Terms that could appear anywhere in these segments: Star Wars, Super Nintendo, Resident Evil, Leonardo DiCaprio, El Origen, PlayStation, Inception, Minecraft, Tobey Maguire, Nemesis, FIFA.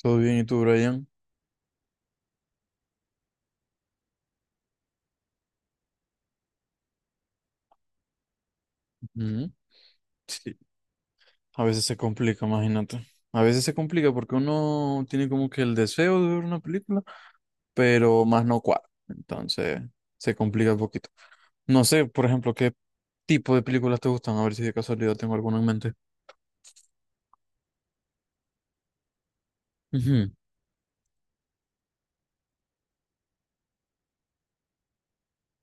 Todo bien, ¿y tú, Brian? Ujú. Sí. A veces se complica, imagínate. A veces se complica porque uno tiene como que el deseo de ver una película, pero más no cuadra. Entonces, se complica un poquito. No sé, por ejemplo, qué tipo de películas te gustan, a ver si de casualidad tengo alguna en mente. Ujú.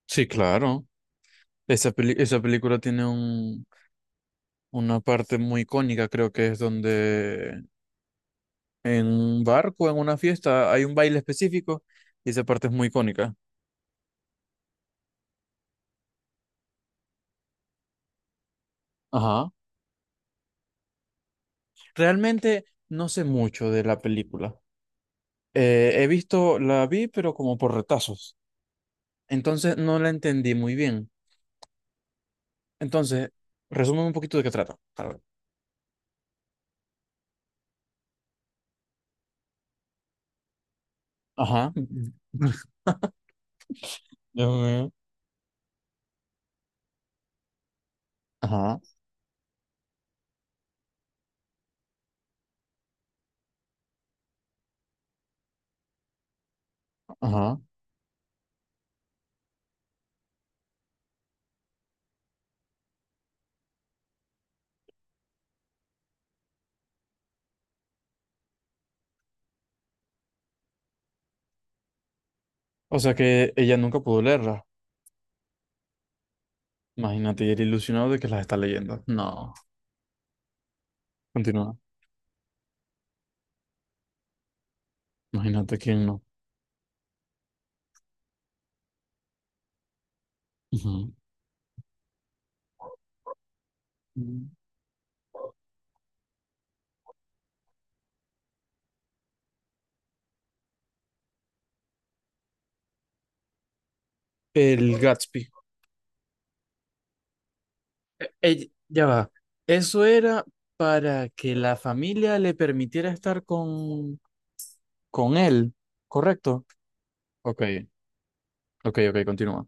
Sí, claro. Esa película tiene un, una parte muy icónica, creo que es donde en un barco, en una fiesta, hay un baile específico y esa parte es muy icónica. Ajá. Realmente no sé mucho de la película. He visto, la vi, pero como por retazos. Entonces no la entendí muy bien. Entonces, resumen un poquito de qué trata. A ver. Ajá. Dios mío. Ajá, ajá. O sea que ella nunca pudo leerla. Imagínate, y era ilusionado de que las está leyendo. No, continúa. Imagínate quién no. Ujú. El Gatsby. Ya va. Eso era para que la familia le permitiera estar con él, ¿correcto? Ok, ok, ok, continúa.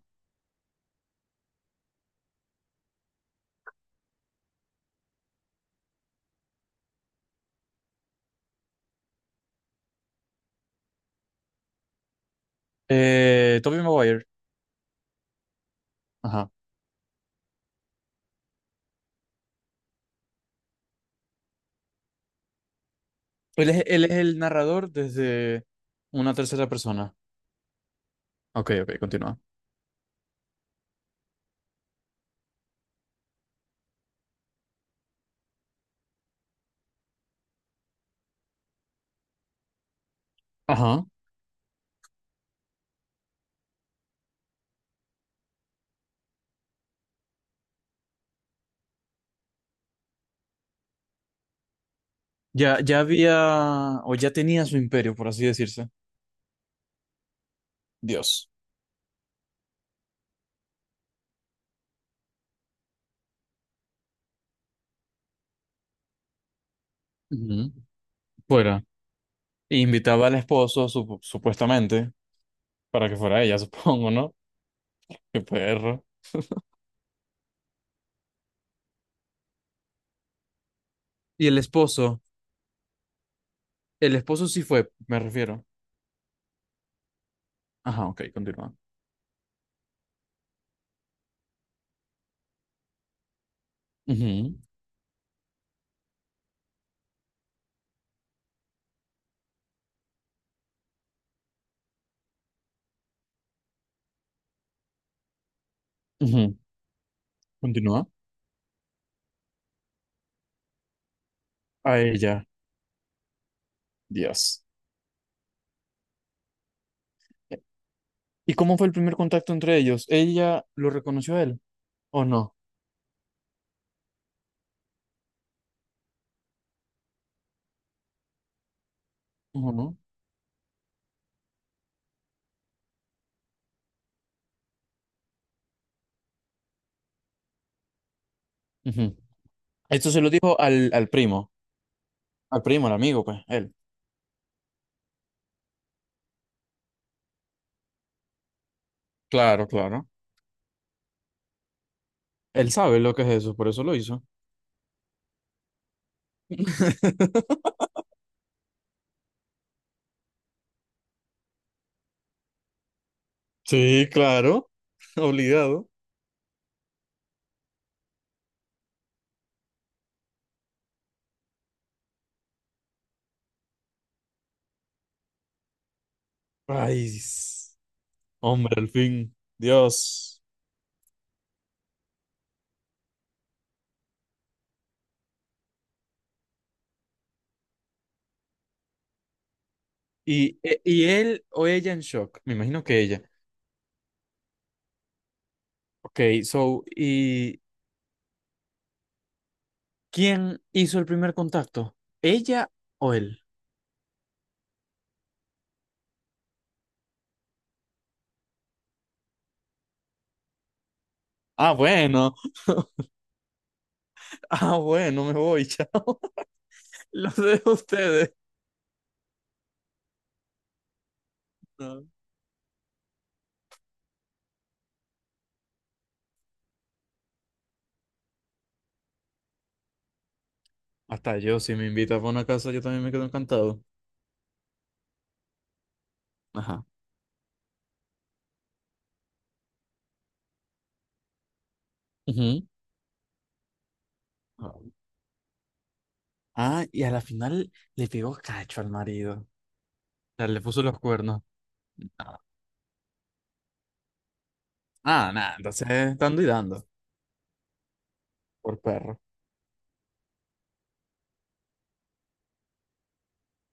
Tobey Maguire. Ajá. Él es el narrador desde una tercera persona. Ok, ok, continúa. Ajá. Ya, ya había, o ya tenía su imperio, por así decirse. Dios. Ujú. Fuera. E invitaba al esposo, supuestamente, para que fuera ella, supongo, ¿no? Qué perro. Y el esposo, el esposo sí fue, me refiero. Ajá, ok, continúa. Ujú, ujú, continúa. A ella. Dios. ¿Y cómo fue el primer contacto entre ellos? ¿Ella lo reconoció a él o no? Ujú, no. Ujú. Esto se lo dijo al, al primo, al primo, al amigo, pues, él. Claro, claro. Él sabe lo que es eso, por eso lo hizo. Sí, claro, obligado. Ay, s- Hombre, al fin, Dios. Y él o ella en shock, me imagino que ella. Ok, so, ¿y quién hizo el primer contacto? ¿Ella o él? Ah, bueno. Ah, bueno, me voy, chao. Los dejo a ustedes. No. Hasta yo, si me invitas a una casa, yo también me quedo encantado. Ajá. Ujú. Ah, y a la final le pegó cacho al marido. Ya le puso los cuernos. Ah, ah, nada, entonces dando y dando por perro.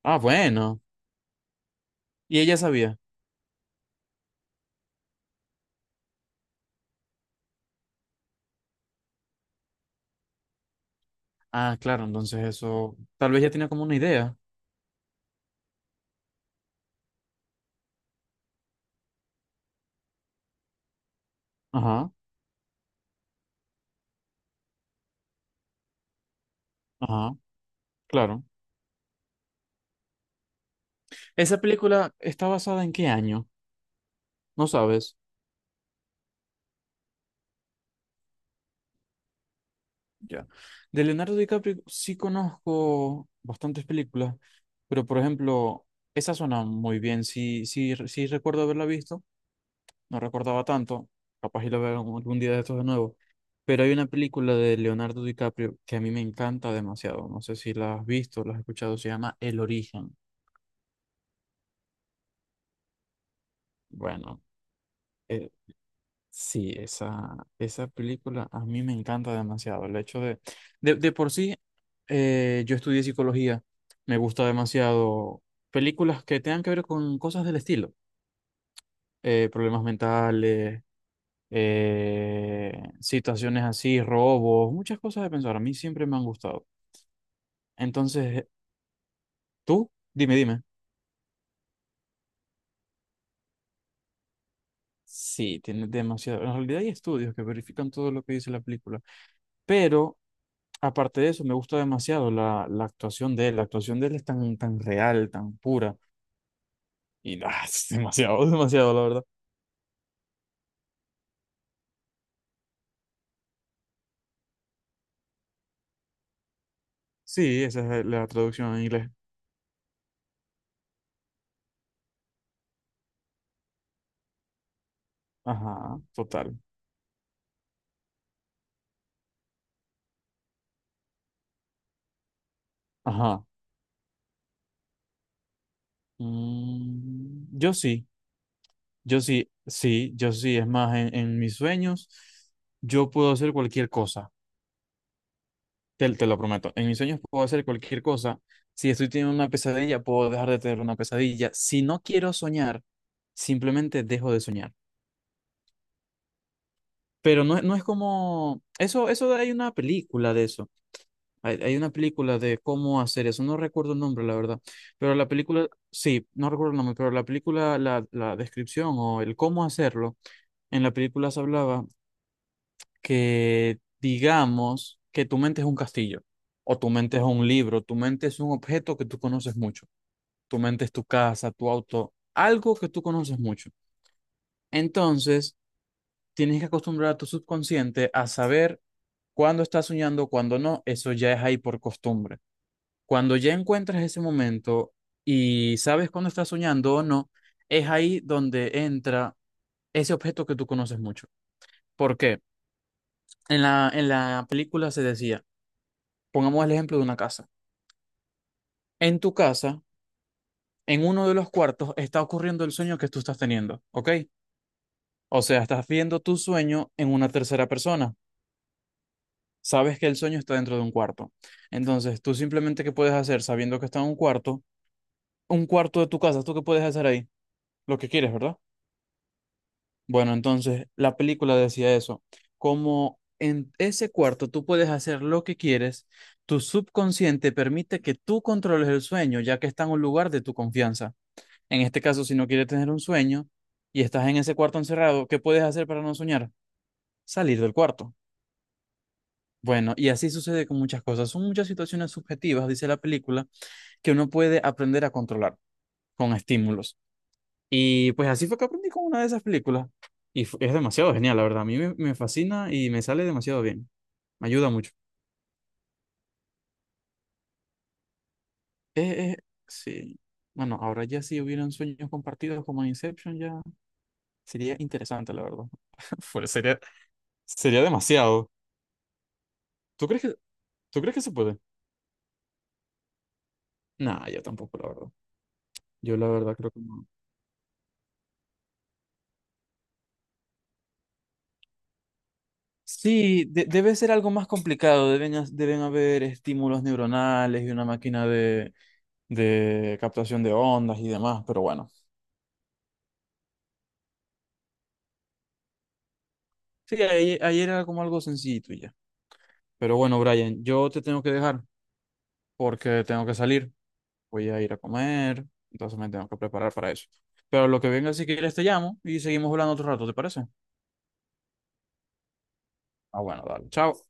Ah, bueno. Y ella sabía. Ah, claro, entonces eso. Tal vez ya tenía como una idea. Ajá, ajá, claro. ¿Esa película está basada en qué año? No sabes. Ya. De Leonardo DiCaprio sí conozco bastantes películas, pero por ejemplo, esa suena muy bien. Sí, sí, sí recuerdo haberla visto, no recordaba tanto, capaz y la veo algún día de estos de nuevo. Pero hay una película de Leonardo DiCaprio que a mí me encanta demasiado. No sé si la has visto, la has escuchado, se llama El Origen. Bueno. e- Sí, esa película a mí me encanta demasiado. El hecho de, de por sí, yo estudié psicología, me gusta demasiado películas que tengan que ver con cosas del estilo, problemas mentales, eh, situaciones así, robos, muchas cosas de pensar. A mí siempre me han gustado. Entonces, tú, dime, dime. Sí, tiene demasiado. En realidad hay estudios que verifican todo lo que dice la película. Pero aparte de eso, me gusta demasiado la, la actuación de él. La actuación de él es tan, tan real, tan pura. Y ah, es demasiado, demasiado, la verdad. Sí, esa es la traducción en inglés. Ajá, total. Ajá. Mm, yo sí, yo sí, sí, yo sí. Es más, en mis sueños, yo puedo hacer cualquier cosa. Te lo prometo. En mis sueños puedo hacer cualquier cosa. Si estoy teniendo una pesadilla, puedo dejar de tener una pesadilla. Si no quiero soñar, simplemente dejo de soñar. Pero no, no es como... Eso hay una película de eso. Hay una película de cómo hacer eso. No recuerdo el nombre, la verdad. Pero la película, sí, no recuerdo el nombre, pero la película, la descripción o el cómo hacerlo, en la película se hablaba que digamos que tu mente es un castillo, o tu mente es un libro, tu mente es un objeto que tú conoces mucho, tu mente es tu casa, tu auto, algo que tú conoces mucho. Entonces, tienes que acostumbrar a tu subconsciente a saber cuándo estás soñando, cuándo no, eso ya es ahí por costumbre. Cuando ya encuentras ese momento y sabes cuándo estás soñando o no, es ahí donde entra ese objeto que tú conoces mucho. ¿Por qué? En la película se decía, pongamos el ejemplo de una casa. En tu casa, en uno de los cuartos, está ocurriendo el sueño que tú estás teniendo, ¿ok? O sea, estás viendo tu sueño en una tercera persona. Sabes que el sueño está dentro de un cuarto. Entonces, tú simplemente, ¿qué puedes hacer sabiendo que está en un cuarto? Un cuarto de tu casa, ¿tú qué puedes hacer ahí? Lo que quieres, ¿verdad? Bueno, entonces la película decía eso, como en ese cuarto tú puedes hacer lo que quieres, tu subconsciente permite que tú controles el sueño, ya que está en un lugar de tu confianza. En este caso, si no quieres tener un sueño y estás en ese cuarto encerrado, ¿qué puedes hacer para no soñar? Salir del cuarto. Bueno, y así sucede con muchas cosas. Son muchas situaciones subjetivas, dice la película, que uno puede aprender a controlar con estímulos. Y pues así fue que aprendí con una de esas películas. Es demasiado genial, la verdad. A mí me, me fascina y me sale demasiado bien. Me ayuda mucho. Eh, eh, sí. Bueno, ahora ya si hubieran sueños compartidos como en Inception, ya sería interesante, la verdad. Fuera, sería, sería demasiado. ¿Tú crees que, tú crees que se puede? Nah, yo tampoco, la verdad. Yo la verdad creo que no. Sí, debe ser algo más complicado. Deben haber estímulos neuronales y una máquina de captación de ondas y demás, pero bueno. Sí, ahí, ahí era como algo sencillito y ya. Pero bueno, Brian, yo te tengo que dejar porque tengo que salir. Voy a ir a comer, entonces me tengo que preparar para eso. Pero lo que venga, si quieres, te llamo y seguimos hablando otro rato, ¿te parece? Ah, bueno, dale. Chao.